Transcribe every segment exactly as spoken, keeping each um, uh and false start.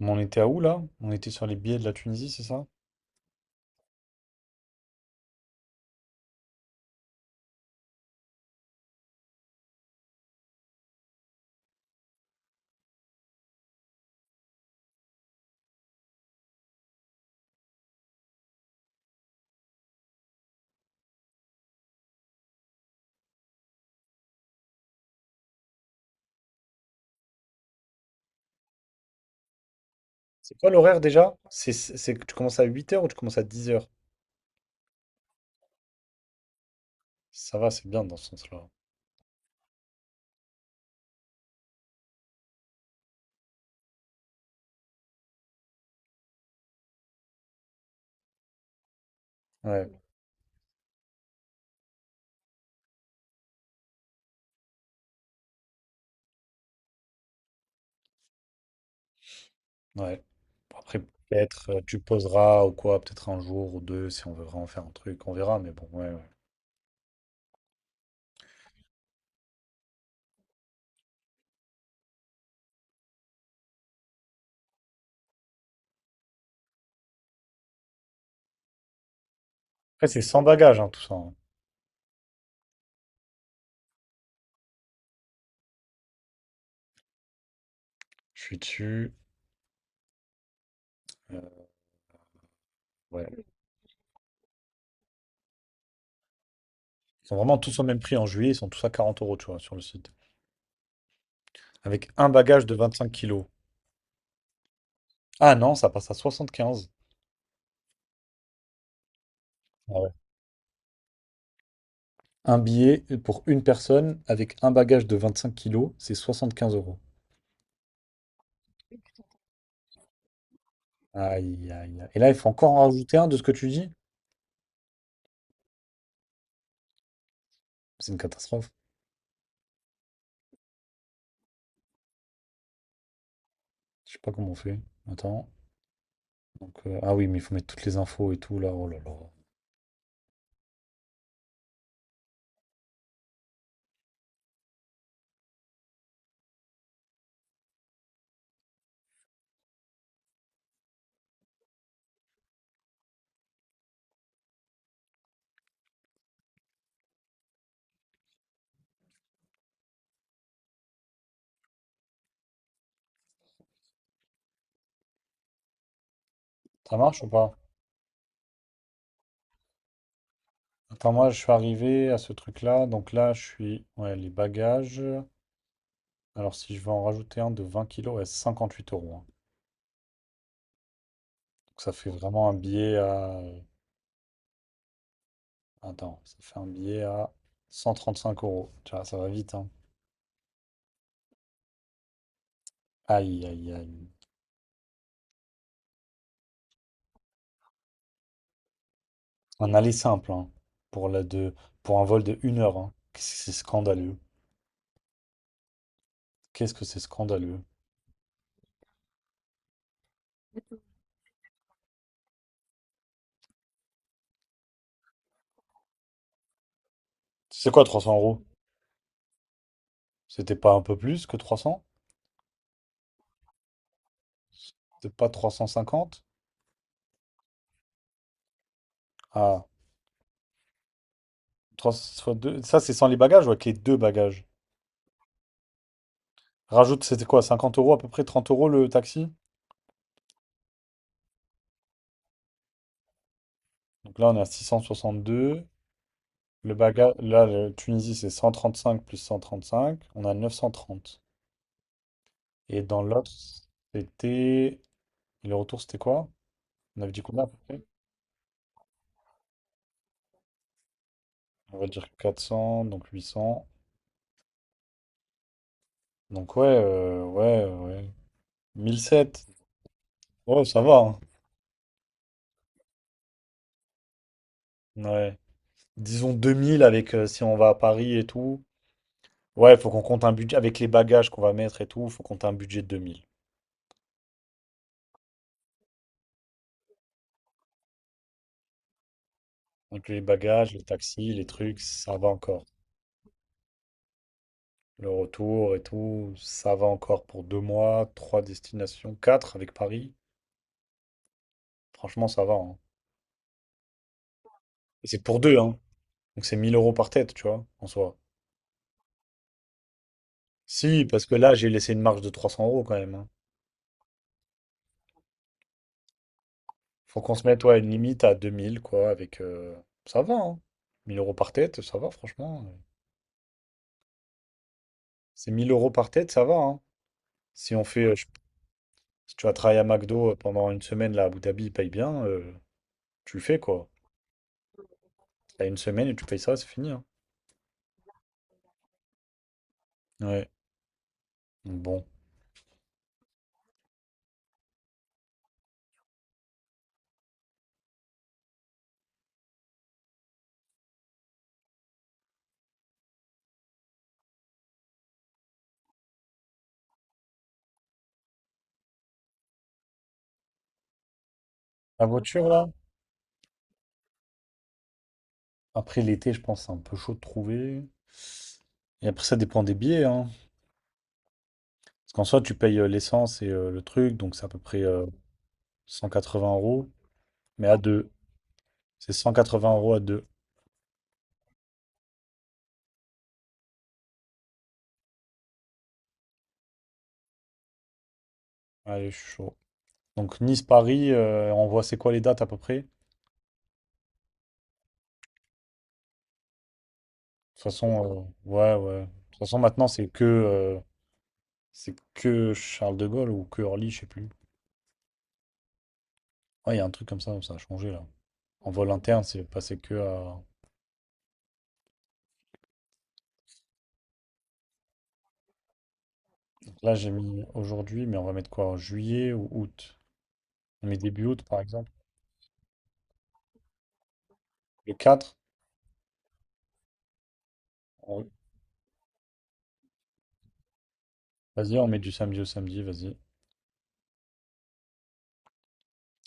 Mais on était à où là? On était sur les billets de la Tunisie, c'est ça? C'est quoi l'horaire déjà? C'est c'est- c'est que tu commences à huit heures ou tu commences à dix heures? Ça va, c'est bien dans ce sens-là. Ouais, ouais. Bon, après, peut-être euh, tu poseras ou quoi, peut-être un jour ou deux si on veut vraiment faire un truc, on verra, mais bon, ouais, ouais. Après, c'est sans bagages, hein, tout ça, hein. Je suis dessus. euh, ouais. Ils sont vraiment tous au même prix en juillet, ils sont tous à quarante euros, tu vois, sur le site. Avec un bagage de vingt-cinq kilos. Ah non, ça passe à soixante-quinze. Ah ouais. Un billet pour une personne avec un bagage de vingt-cinq kilos, c'est soixante-quinze euros. Aïe, aïe, aïe. Et là, il faut encore en rajouter un de ce que tu dis? C'est une catastrophe. Je sais pas comment on fait. Attends. Donc, euh, ah oui, mais il faut mettre toutes les infos et tout là. Oh là là. Ça marche ou pas? Attends, moi, je suis arrivé à ce truc-là. Donc là, je suis. Ouais, les bagages. Alors, si je veux en rajouter un de vingt kilos, ouais, c'est cinquante-huit euros, hein. Donc, ça fait vraiment un billet à. Attends, ça fait un billet à cent trente-cinq euros. Tu vois, ça va vite, hein. Aïe, aïe, aïe. Un aller simple, hein, pour la de, pour un vol de une heure, hein. Qu'est-ce que c'est scandaleux. Qu'est-ce que c'est scandaleux. C'est quoi trois cents euros? C'était pas un peu plus que trois cents. C'était pas trois cent cinquante? Ah, trois cents fois deux. Ça, c'est sans les bagages ou avec les deux bagages? Rajoute, c'était quoi? Cinquante euros à peu près, trente euros le taxi? Donc là, on est à deux. Le bagage, là, le Tunisie, c'est cent trente cinq plus cent trente cinq. On a neuf cent trente. Et dans l'autre, c'était. Et le retour, c'était quoi? On avait dit combien à peu près. On va dire quatre cents, donc huit cents. Donc ouais, euh, ouais, ouais. mille sept, ouais, ça va, hein. Ouais. Disons deux mille avec euh, si on va à Paris et tout. Ouais, faut qu'on compte un budget avec les bagages qu'on va mettre et tout, faut compter un budget de deux mille. Donc les bagages, les taxis, les trucs, ça va encore. Le retour et tout, ça va encore pour deux mois, trois destinations, quatre avec Paris. Franchement, ça va, hein. Et c'est pour deux, hein. Donc c'est mille euros par tête, tu vois, en soi. Si, parce que là, j'ai laissé une marge de trois cents euros quand même, hein. Faut qu'on se mette ouais, une limite à deux mille quoi, avec... euh, Ça va, hein. mille euros par tête, ça va, franchement. euh, C'est mille euros par tête, ça va, hein. Si on fait... euh, je- Si tu vas travailler à McDo euh, pendant une semaine, là, à Abu Dhabi, ils payent bien, euh, tu le fais, quoi. T'as une semaine et tu payes ça, c'est fini, hein. Ouais. Donc bon. La voiture, là? Après l'été, je pense que c'est un peu chaud de trouver. Et après, ça dépend des billets, hein. Parce qu'en soi, tu payes euh, l'essence et euh, le truc, donc c'est à peu près euh, cent quatre-vingts euros. Mais à deux. C'est cent quatre-vingts euros à deux. Allez, je suis chaud. Donc Nice-Paris, euh, on voit c'est quoi les dates à peu près. De toute façon, euh, ouais, ouais. De toute façon, maintenant, c'est que, euh, c'est que Charles de Gaulle ou que Orly, je sais plus. Ouais, il y a un truc comme ça, ça a changé là. En vol interne, c'est passé que à... Là, j'ai mis aujourd'hui, mais on va mettre quoi? En juillet ou août? On met début août, par exemple. Le quatre, on- vas-y, on met du samedi au samedi, vas-y.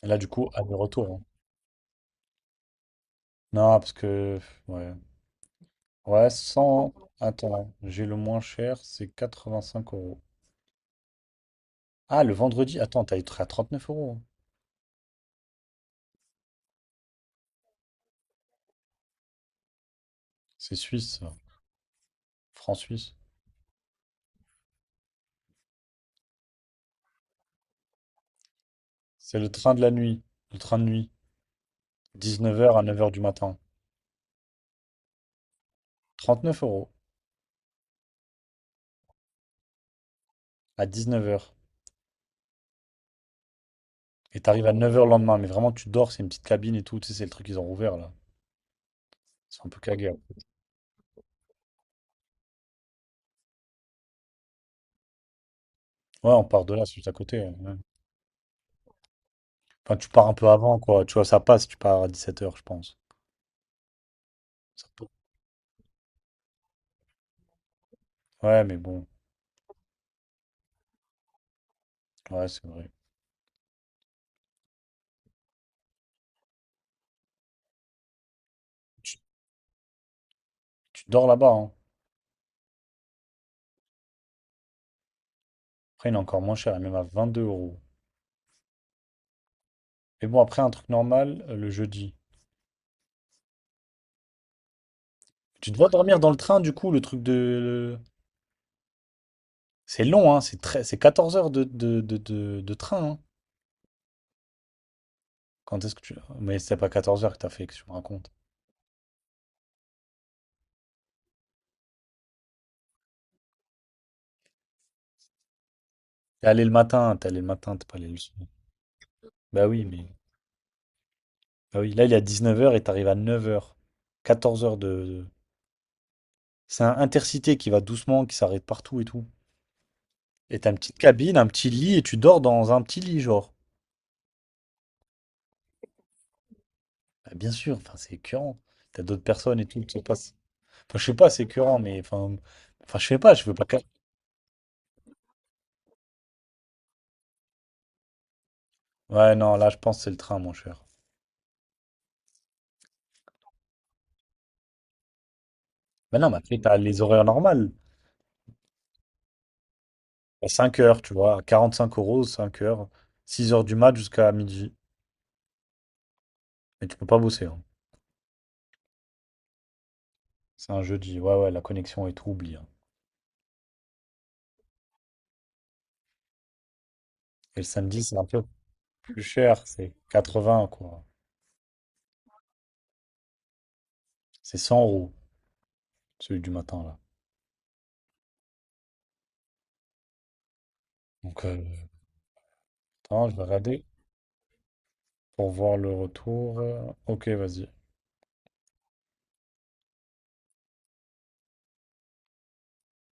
Et là, du coup, aller-retour, hein. Non, parce que... Ouais. Ouais, cent... Attends, j'ai le moins cher, c'est quatre-vingt-cinq euros. Ah, le vendredi. Attends, t'as être à neuf euros. C'est suisse, ça. Franc suisse. C'est le train de la nuit. Le train de nuit. Dix-neuf heures à neuf heures du matin. Trente-neuf euros à dix-neuf heures. Et t'arrives à neuf heures le lendemain. Mais vraiment, tu dors. C'est une petite cabine et tout. Tu sais, c'est le truc qu'ils ont rouvert là. C'est un peu cagé. Ouais, on part de là, c'est juste à côté, ouais. Enfin, tu pars un peu avant, quoi. Tu vois, ça passe. Tu pars à dix-sept heures, je pense. Ça peut- Ouais, mais bon. Ouais, c'est vrai. Tu, tu dors là-bas, hein. Après, il est encore moins cher. Il est même à vingt-deux euros. Mais bon, après, un truc normal euh, le jeudi. Tu dois dormir dans le train, du coup, le truc de... C'est long, hein, c'est très... c'est quatorze heures de, de, de, de- de train, hein. Quand est-ce que tu... Mais c'est pas quatorze heures que t'as fait, que tu me racontes. T'es allé le matin, t'es allé le matin, t'es pas allé le soir. Bah oui, mais... Bah oui, là, il est à dix-neuf heures et t'arrives à neuf heures. quatorze heures de... C'est un intercité qui va doucement, qui s'arrête partout et tout. Et t'as une petite cabine, un petit lit, et tu dors dans un petit lit, genre. Bah, bien sûr, enfin, c'est écœurant. T'as d'autres personnes et tout, ça passe. Enfin, je sais pas, c'est écœurant, mais... Enfin, enfin je sais pas, je veux pas... Ouais, non, là, je pense que c'est le train, mon cher. Mais non, mais après, t'as les horaires normales. À cinq heures, tu vois, à cinq euros, cinq heures, Six heures du mat jusqu'à midi. Et tu peux pas bosser, hein. C'est un jeudi. Ouais, ouais, la connexion est tout, oublie, hein. Et le samedi, c'est un peu plus cher. C'est quatre-vingts quoi. C'est cent euros, celui du matin, là. Donc, euh, attends, je vais regarder pour voir le retour. Euh, Ok, vas-y.